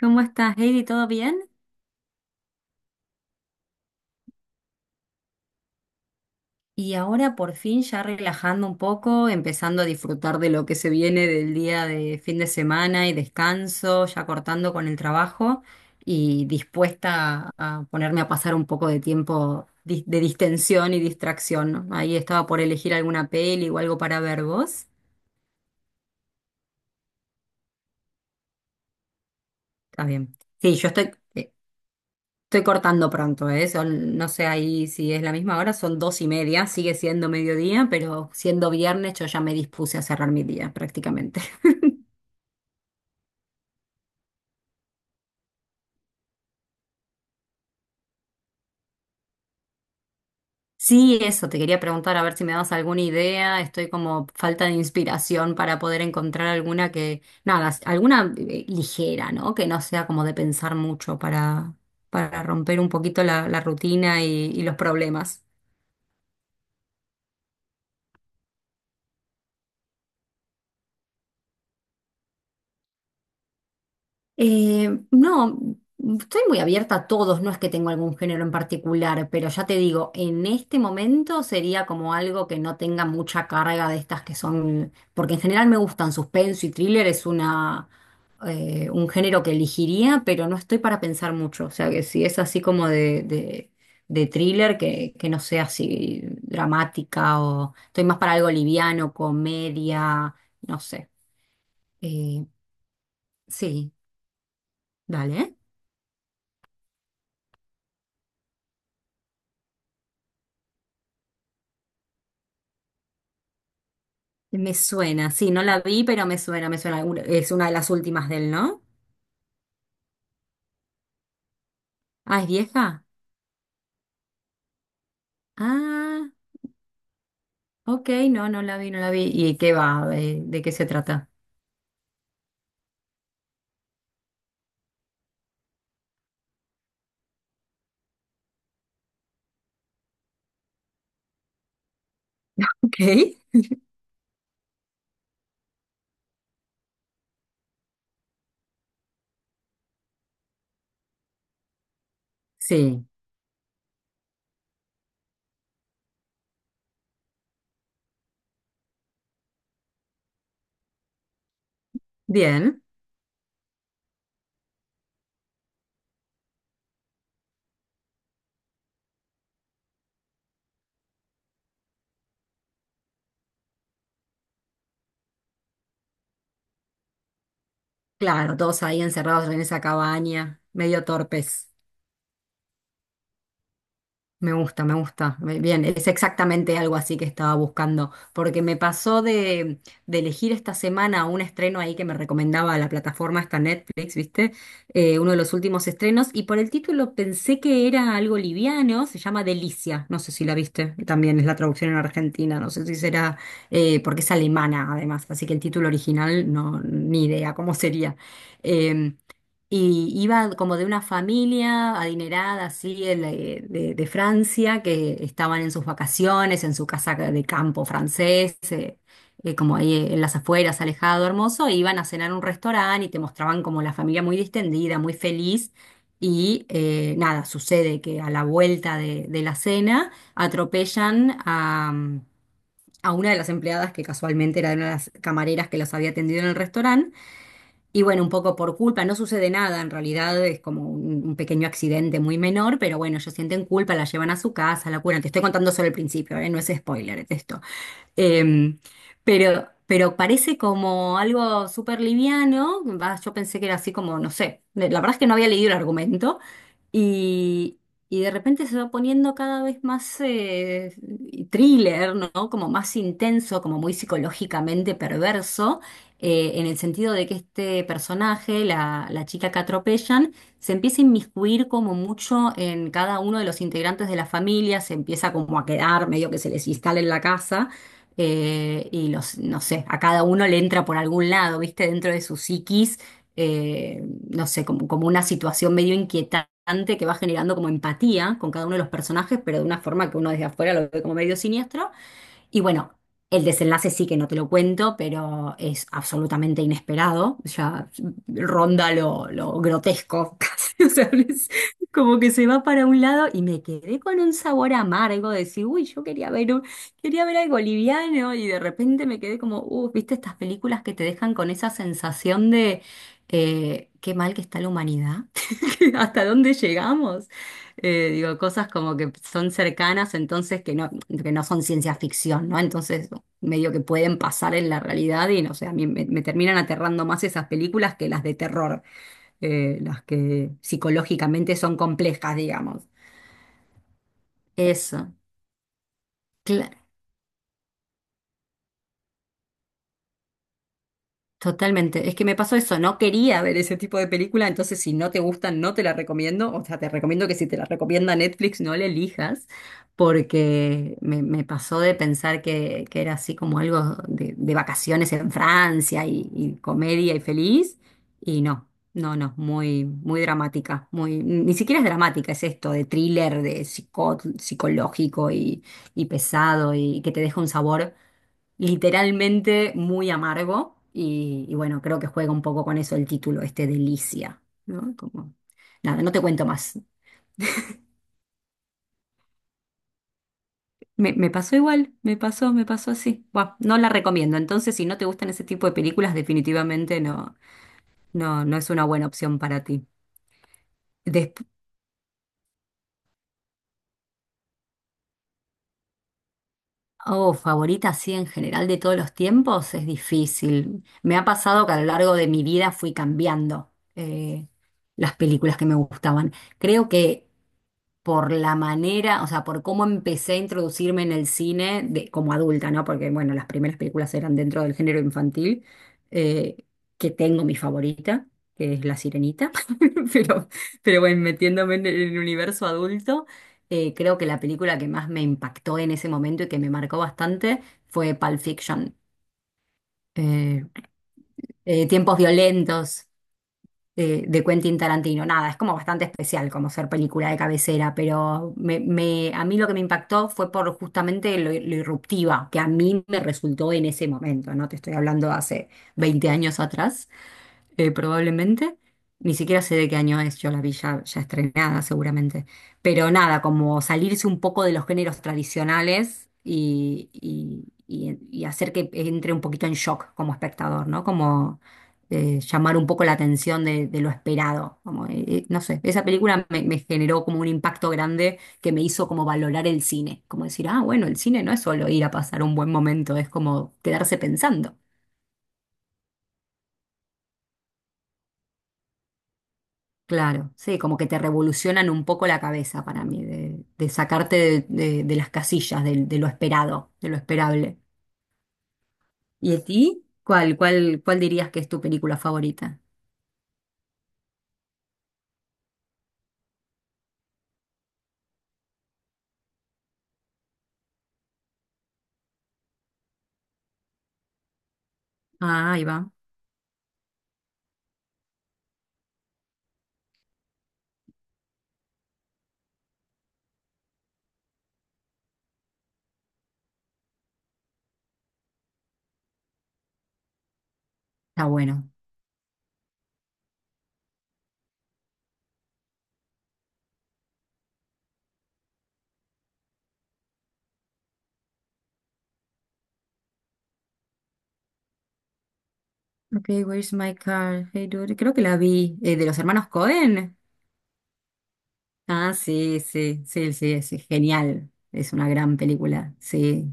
¿Cómo estás, Heidi? ¿Todo bien? Y ahora por fin ya relajando un poco, empezando a disfrutar de lo que se viene del día de fin de semana y descanso, ya cortando con el trabajo y dispuesta a ponerme a pasar un poco de tiempo de distensión y distracción, ¿no? Ahí estaba por elegir alguna peli o algo para ver vos. Está bien. Sí, yo estoy, eh, estoy cortando pronto, ¿eh? Son, no sé ahí si es la misma hora, son dos y media, sigue siendo mediodía, pero siendo viernes yo ya me dispuse a cerrar mi día prácticamente. Sí, eso, te quería preguntar a ver si me das alguna idea, estoy como falta de inspiración para poder encontrar alguna que, nada, alguna ligera, ¿no? Que no sea como de pensar mucho para romper un poquito la rutina y los problemas. No, estoy muy abierta a todos, no es que tengo algún género en particular, pero ya te digo, en este momento sería como algo que no tenga mucha carga de estas que son, porque en general me gustan suspenso y thriller, es una, un género que elegiría, pero no estoy para pensar mucho, o sea que si es así como de thriller, que no sea así dramática o estoy más para algo liviano, comedia, no sé. Eh, sí, dale. Me suena, sí, no la vi, pero me suena, me suena. Es una de las últimas de él, ¿no? Ah, ¿es vieja? Ah, ok, no, no la vi, no la vi. ¿Y qué va? ¿De, qué se trata? Ok. Sí, bien. Claro, todos ahí encerrados en esa cabaña, medio torpes. Me gusta, me gusta. Bien, es exactamente algo así que estaba buscando, porque me pasó de elegir esta semana un estreno ahí que me recomendaba la plataforma esta Netflix, ¿viste? Uno de los últimos estrenos, y por el título pensé que era algo liviano, se llama Delicia, no sé si la viste, también es la traducción en Argentina, no sé si será, porque es alemana además, así que el título original no, ni idea cómo sería. Em, y iba como de una familia adinerada, así, el, de Francia, que estaban en sus vacaciones, en su casa de campo francés, como ahí en las afueras, alejado, hermoso, e iban a cenar a un restaurante y te mostraban como la familia muy distendida, muy feliz. Y nada, sucede que a la vuelta de la cena atropellan a una de las empleadas que casualmente era de una de las camareras que los había atendido en el restaurante. Y bueno, un poco por culpa, no sucede nada, en realidad es como un pequeño accidente muy menor, pero bueno, ellos sienten culpa, la llevan a su casa, la curan. Te estoy contando solo el principio, ¿eh? No es spoiler es esto. Em, pero parece como algo súper liviano. Va, yo pensé que era así como, no sé, la verdad es que no había leído el argumento. Y, y de repente se va poniendo cada vez más thriller, ¿no? Como más intenso, como muy psicológicamente perverso, en el sentido de que este personaje, la chica que atropellan, se empieza a inmiscuir como mucho en cada uno de los integrantes de la familia, se empieza como a quedar medio que se les instala en la casa y los, no sé, a cada uno le entra por algún lado, ¿viste? Dentro de su psiquis, eh, no sé, como, como una situación medio inquietante que va generando como empatía con cada uno de los personajes, pero de una forma que uno desde afuera lo ve como medio siniestro. Y bueno, el desenlace sí que no te lo cuento, pero es absolutamente inesperado, ya ronda lo grotesco casi, o sea, es como que se va para un lado y me quedé con un sabor amargo, de decir, uy, yo quería ver, quería ver algo liviano y de repente me quedé como, ¿viste estas películas que te dejan con esa sensación de qué mal que está la humanidad? ¿Hasta dónde llegamos? Digo, cosas como que son cercanas, entonces que no son ciencia ficción, ¿no? Entonces, medio que pueden pasar en la realidad y no sé, a mí me, me terminan aterrando más esas películas que las de terror, las que psicológicamente son complejas, digamos. Eso. Cla- Totalmente. Es que me pasó eso, no quería ver ese tipo de película, entonces si no te gustan, no te la recomiendo. O sea, te recomiendo que si te la recomienda Netflix, no la elijas, porque me pasó de pensar que era así como algo de vacaciones en Francia y comedia y feliz, y no, no, no, muy, muy dramática, muy, ni siquiera es dramática, es esto de thriller, de psicológico y pesado y que te deja un sabor literalmente muy amargo y bueno, creo que juega un poco con eso el título este de Licia, ¿no? Como, nada, no te cuento más. Me pasó igual, me pasó así. Buah, no la recomiendo. Entonces, si no te gustan ese tipo de películas, definitivamente no, no, no es una buena opción para ti. Desp- oh, favorita así en general de todos los tiempos, es difícil. Me ha pasado que a lo largo de mi vida fui cambiando eh, las películas que me gustaban. Creo que por la manera, o sea, por cómo empecé a introducirme en el cine de, como adulta, ¿no? Porque, bueno, las primeras películas eran dentro del género infantil, eh, que tengo mi favorita, que es La Sirenita, pero, pero bueno, metiéndome en el universo adulto, creo que la película que más me impactó en ese momento y que me marcó bastante fue Pulp Fiction. Eh, Tiempos violentos, de Quentin Tarantino. Nada, es como bastante especial como ser película de cabecera, pero me, a mí lo que me impactó fue por justamente lo irruptiva que a mí me resultó en ese momento, ¿no? Te estoy hablando hace 20 años atrás probablemente. Ni siquiera sé de qué año es, yo la vi ya, ya estrenada seguramente. Pero nada, como salirse un poco de los géneros tradicionales y, y hacer que entre un poquito en shock como espectador, ¿no? Como llamar un poco la atención de lo esperado. Como, no sé, esa película me, me generó como un impacto grande que me hizo como valorar el cine. Como decir, ah, bueno, el cine no es solo ir a pasar un buen momento, es como quedarse pensando. Claro, sí, como que te revolucionan un poco la cabeza para mí, de sacarte de, de las casillas, de, lo esperado, de lo esperable. ¿Y a ti? ¿Cuál, cuál, cuál dirías que es tu película favorita? Ah, ahí va. Está bueno. Okay, where's my car? Hey, dude. Creo que la vi. ¿De los hermanos Cohen? Ah, sí, sí, sí, sí, es genial. Es una gran película, sí.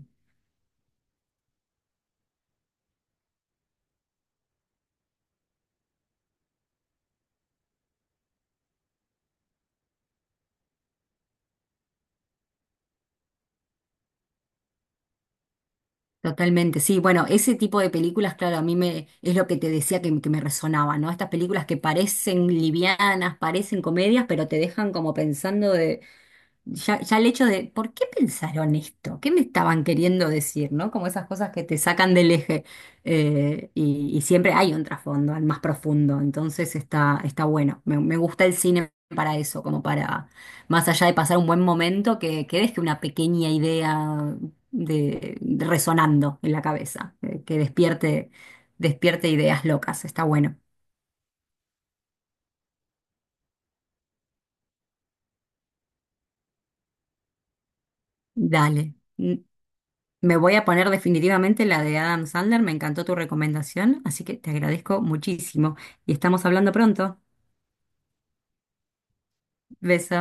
Totalmente, sí. Bueno, ese tipo de películas, claro, a mí me es lo que te decía que me resonaba, ¿no? Estas películas que parecen livianas, parecen comedias, pero te dejan como pensando ya, ya el hecho de, ¿por qué pensaron esto? ¿Qué me estaban queriendo decir? ¿No? Como esas cosas que te sacan del eje. Eh, y siempre hay un trasfondo, al más profundo. Entonces está, está bueno. Me gusta el cine para eso, como para, más allá de pasar un buen momento, que deje una pequeña idea de resonando en la cabeza, que despierte, despierte ideas locas. Está bueno. Dale. Me voy a poner definitivamente la de Adam Sandler. Me encantó tu recomendación, así que te agradezco muchísimo. Y estamos hablando pronto. Beso.